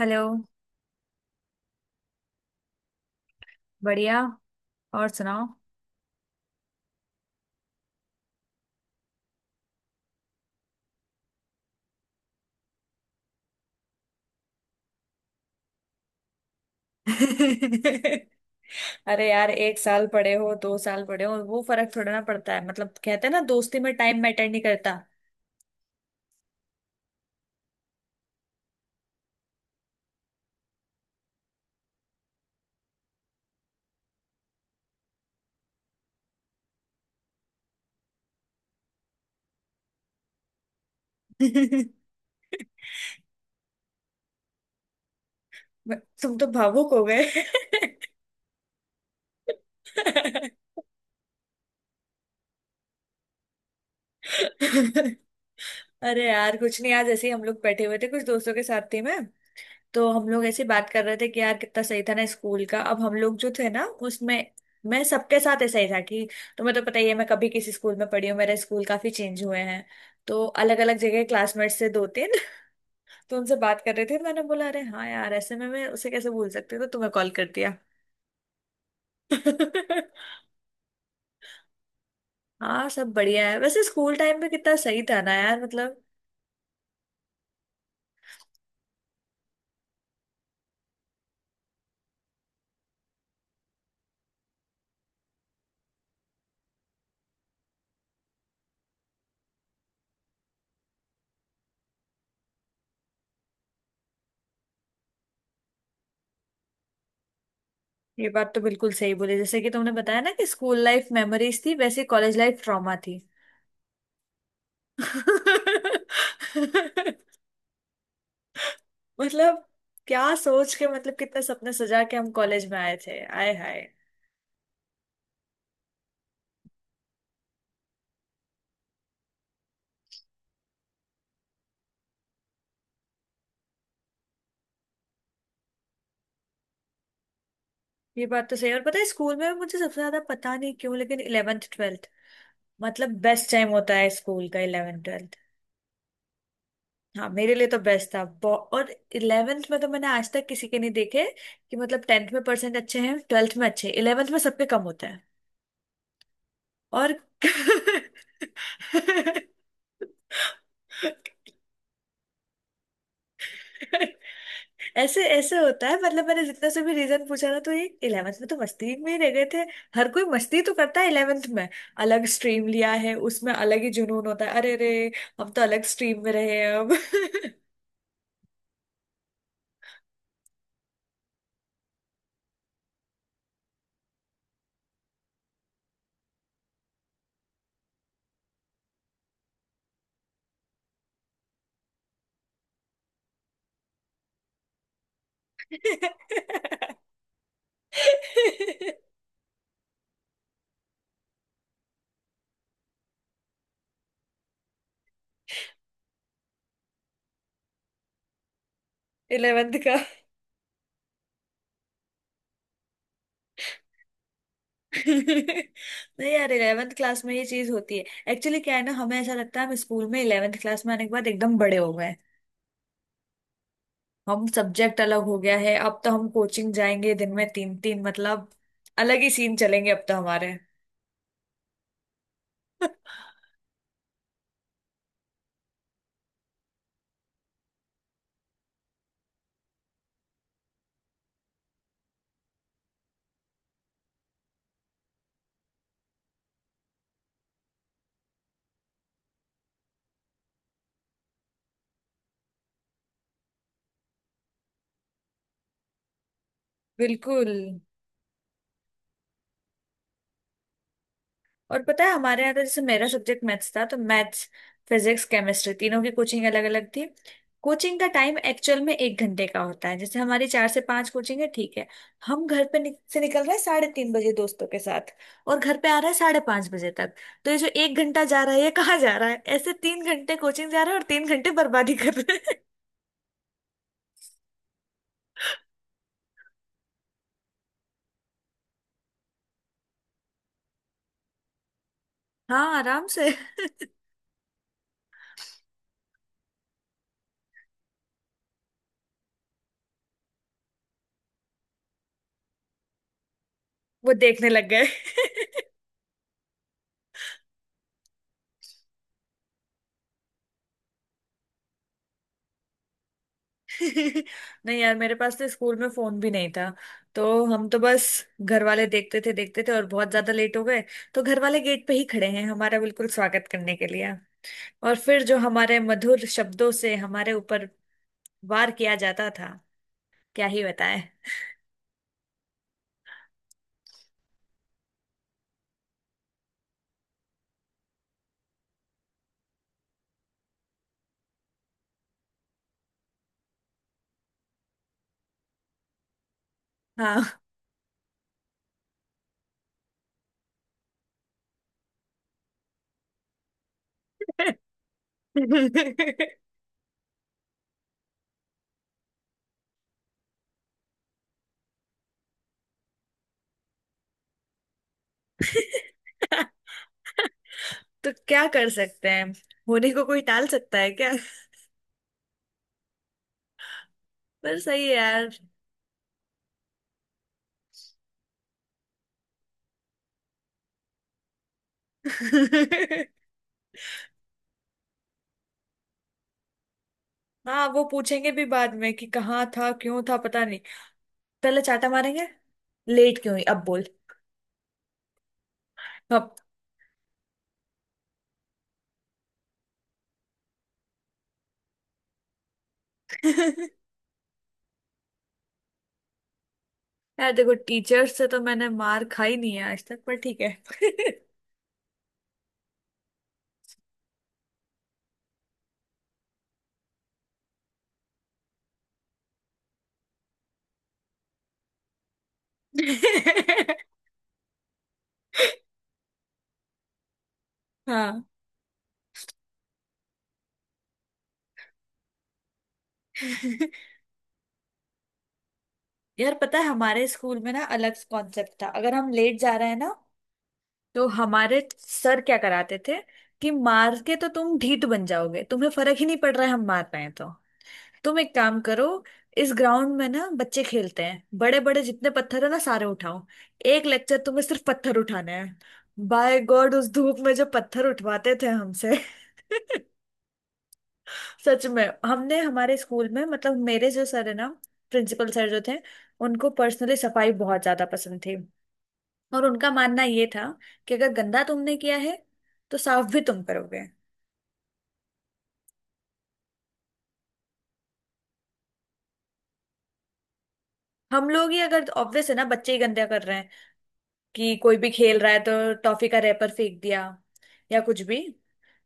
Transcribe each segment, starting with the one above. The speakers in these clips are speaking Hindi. हेलो। बढ़िया। और सुनाओ। अरे यार, एक साल पड़े हो, दो साल पड़े हो, वो फर्क थोड़ा ना पड़ता है। मतलब कहते हैं ना, दोस्ती में टाइम मैटर नहीं करता। तुम तो भावुक हो गए। अरे यार कुछ नहीं, आज ऐसे ही हम लोग बैठे हुए थे, कुछ दोस्तों के साथ थी मैं। तो हम लोग ऐसे बात कर रहे थे कि यार कितना सही था ना स्कूल का। अब हम लोग जो थे ना उसमें, मैं सबके साथ ऐसा ही था कि तुम्हें तो पता ही है, मैं कभी किसी स्कूल में पढ़ी हूँ, मेरे स्कूल काफी चेंज हुए हैं। तो अलग अलग जगह क्लासमेट्स से दो तीन। तो उनसे बात कर रहे थे, मैंने बोला अरे हाँ यार, ऐसे में मैं उसे कैसे भूल सकती हूँ, तो तुम्हें कॉल कर दिया। हाँ सब बढ़िया है। वैसे स्कूल टाइम में कितना सही था ना यार, मतलब ये बात तो बिल्कुल सही बोली। जैसे कि तुमने बताया ना कि स्कूल लाइफ मेमोरीज थी, वैसे कॉलेज लाइफ ट्रॉमा थी। मतलब क्या सोच के, मतलब कितने सपने सजा के हम कॉलेज में आए थे, आए हाय। ये बात तो सही है। और पता है स्कूल में मुझे सबसे ज्यादा पता नहीं क्यों, लेकिन इलेवेंथ ट्वेल्थ, मतलब बेस्ट टाइम होता है स्कूल का, इलेवेंथ ट्वेल्थ। हाँ मेरे लिए तो बेस्ट था। और इलेवेंथ में तो मैंने आज तक किसी के नहीं देखे कि मतलब टेंथ में परसेंट अच्छे हैं, ट्वेल्थ में अच्छे, इलेवेंथ में सबके कम होते हैं। और ऐसे ऐसे होता है। मतलब मैंने जितना से भी रीजन पूछा ना, तो ये 11th में तो मस्ती में ही रह गए थे। हर कोई मस्ती तो करता है 11th में। अलग स्ट्रीम लिया है, उसमें अलग ही जुनून होता है। अरे रे, हम तो अलग स्ट्रीम में रहे हैं अब। 11th का। नहीं यार, 11th क्लास में ये चीज होती है। एक्चुअली क्या है ना, हमें ऐसा लगता है हम स्कूल में 11th क्लास में आने के बाद एकदम बड़े हो गए। हम सब्जेक्ट अलग हो गया है, अब तो हम कोचिंग जाएंगे दिन में तीन तीन, मतलब अलग ही सीन चलेंगे अब तो हमारे। बिल्कुल। और पता है हमारे यहाँ तो, जैसे मेरा सब्जेक्ट मैथ्स था, तो मैथ्स, फिजिक्स, केमिस्ट्री तीनों की कोचिंग अलग अलग थी। कोचिंग का टाइम एक्चुअल में एक घंटे का होता है। जैसे हमारी चार से पांच कोचिंग है, ठीक है। हम घर पे से निकल रहे हैं 3:30 बजे दोस्तों के साथ, और घर पे आ रहे हैं 5:30 बजे तक। तो ये जो एक घंटा जा रहा है ये कहाँ जा रहा है? ऐसे 3 घंटे कोचिंग जा रहा है और 3 घंटे बर्बादी कर रहे। हाँ आराम से। वो देखने लग गए। नहीं यार, मेरे पास तो स्कूल में फोन भी नहीं था। तो हम तो बस, घर वाले देखते थे देखते थे, और बहुत ज्यादा लेट हो गए तो घर वाले गेट पे ही खड़े हैं हमारा बिल्कुल स्वागत करने के लिए। और फिर जो हमारे मधुर शब्दों से हमारे ऊपर वार किया जाता था, क्या ही बताएं। हाँ। तो क्या कर सकते हैं, होने को कोई टाल सकता है क्या? पर सही है यार। हाँ वो पूछेंगे भी बाद में कि कहाँ था, क्यों था, पता नहीं। पहले चाटा मारेंगे, लेट क्यों हुई अब बोल। अब यार देखो, टीचर से तो मैंने मार खाई नहीं है आज तक, पर ठीक है। हाँ यार, पता है हमारे स्कूल में ना अलग कॉन्सेप्ट था। अगर हम लेट जा रहे हैं ना, तो हमारे सर क्या कराते थे कि मार के तो तुम ढीठ बन जाओगे, तुम्हें फर्क ही नहीं पड़ रहा है हम मार रहे हैं तो। तुम एक काम करो, इस ग्राउंड में ना बच्चे खेलते हैं, बड़े बड़े जितने पत्थर है ना सारे उठाओ। एक लेक्चर तुम्हें सिर्फ पत्थर उठाना है। बाय गॉड, उस धूप में जो पत्थर उठवाते थे हमसे। सच में, हमने हमारे स्कूल में मतलब, मेरे जो सर है ना, प्रिंसिपल सर जो थे, उनको पर्सनली सफाई बहुत ज्यादा पसंद थी। और उनका मानना ये था कि अगर गंदा तुमने किया है, तो साफ भी तुम करोगे। हम लोग ही अगर, ऑब्वियस है ना बच्चे ही गंदा कर रहे हैं। कि कोई भी खेल रहा है तो टॉफी का रैपर फेंक दिया या कुछ भी।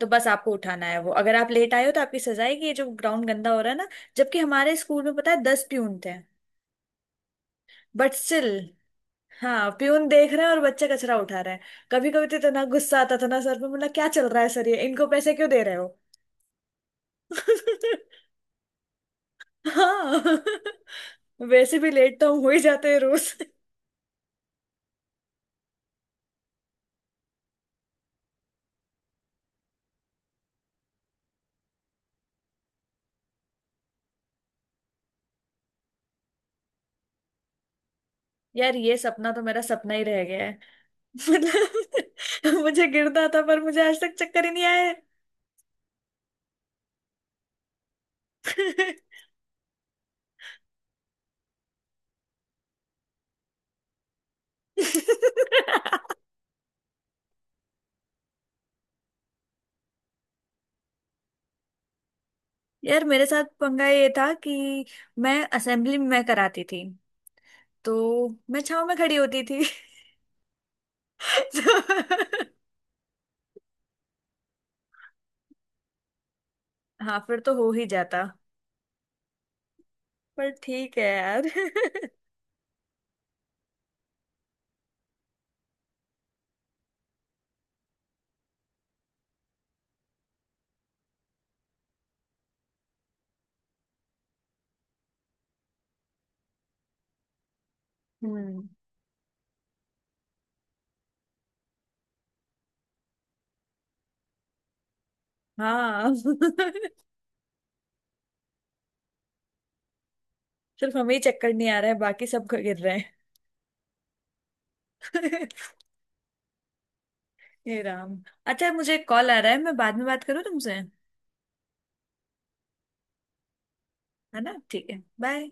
तो बस आपको उठाना है वो, अगर आप लेट आए हो तो आपकी सजा है कि ये जो ग्राउंड गंदा हो रहा है ना। जबकि हमारे स्कूल में पता है 10 प्यून थे, बट स्टिल। हाँ प्यून देख रहे हैं और बच्चा कचरा उठा रहा है। कभी कभी तो इतना गुस्सा आता था ना सर पे, मतलब क्या चल रहा है सर, ये इनको पैसे क्यों दे रहे हो। हाँ। वैसे भी लेट तो हम हो ही जाते हैं रोज। यार ये सपना तो मेरा सपना ही रह गया है। मतलब मुझे गिरना था, पर मुझे आज तक चक्कर ही नहीं आया। यार मेरे साथ पंगा ये था कि मैं असेंबली में कराती थी, तो मैं छांव में खड़ी होती थी। तो, हाँ फिर तो हो ही जाता। पर ठीक है यार। हम्म। हाँ। सिर्फ हमें ही चक्कर नहीं आ रहा है, बाकी सब गिर रहे हैं। हे राम, अच्छा मुझे कॉल आ रहा है, मैं बाद में बात करूँ तुमसे, है ना? ठीक है, बाय।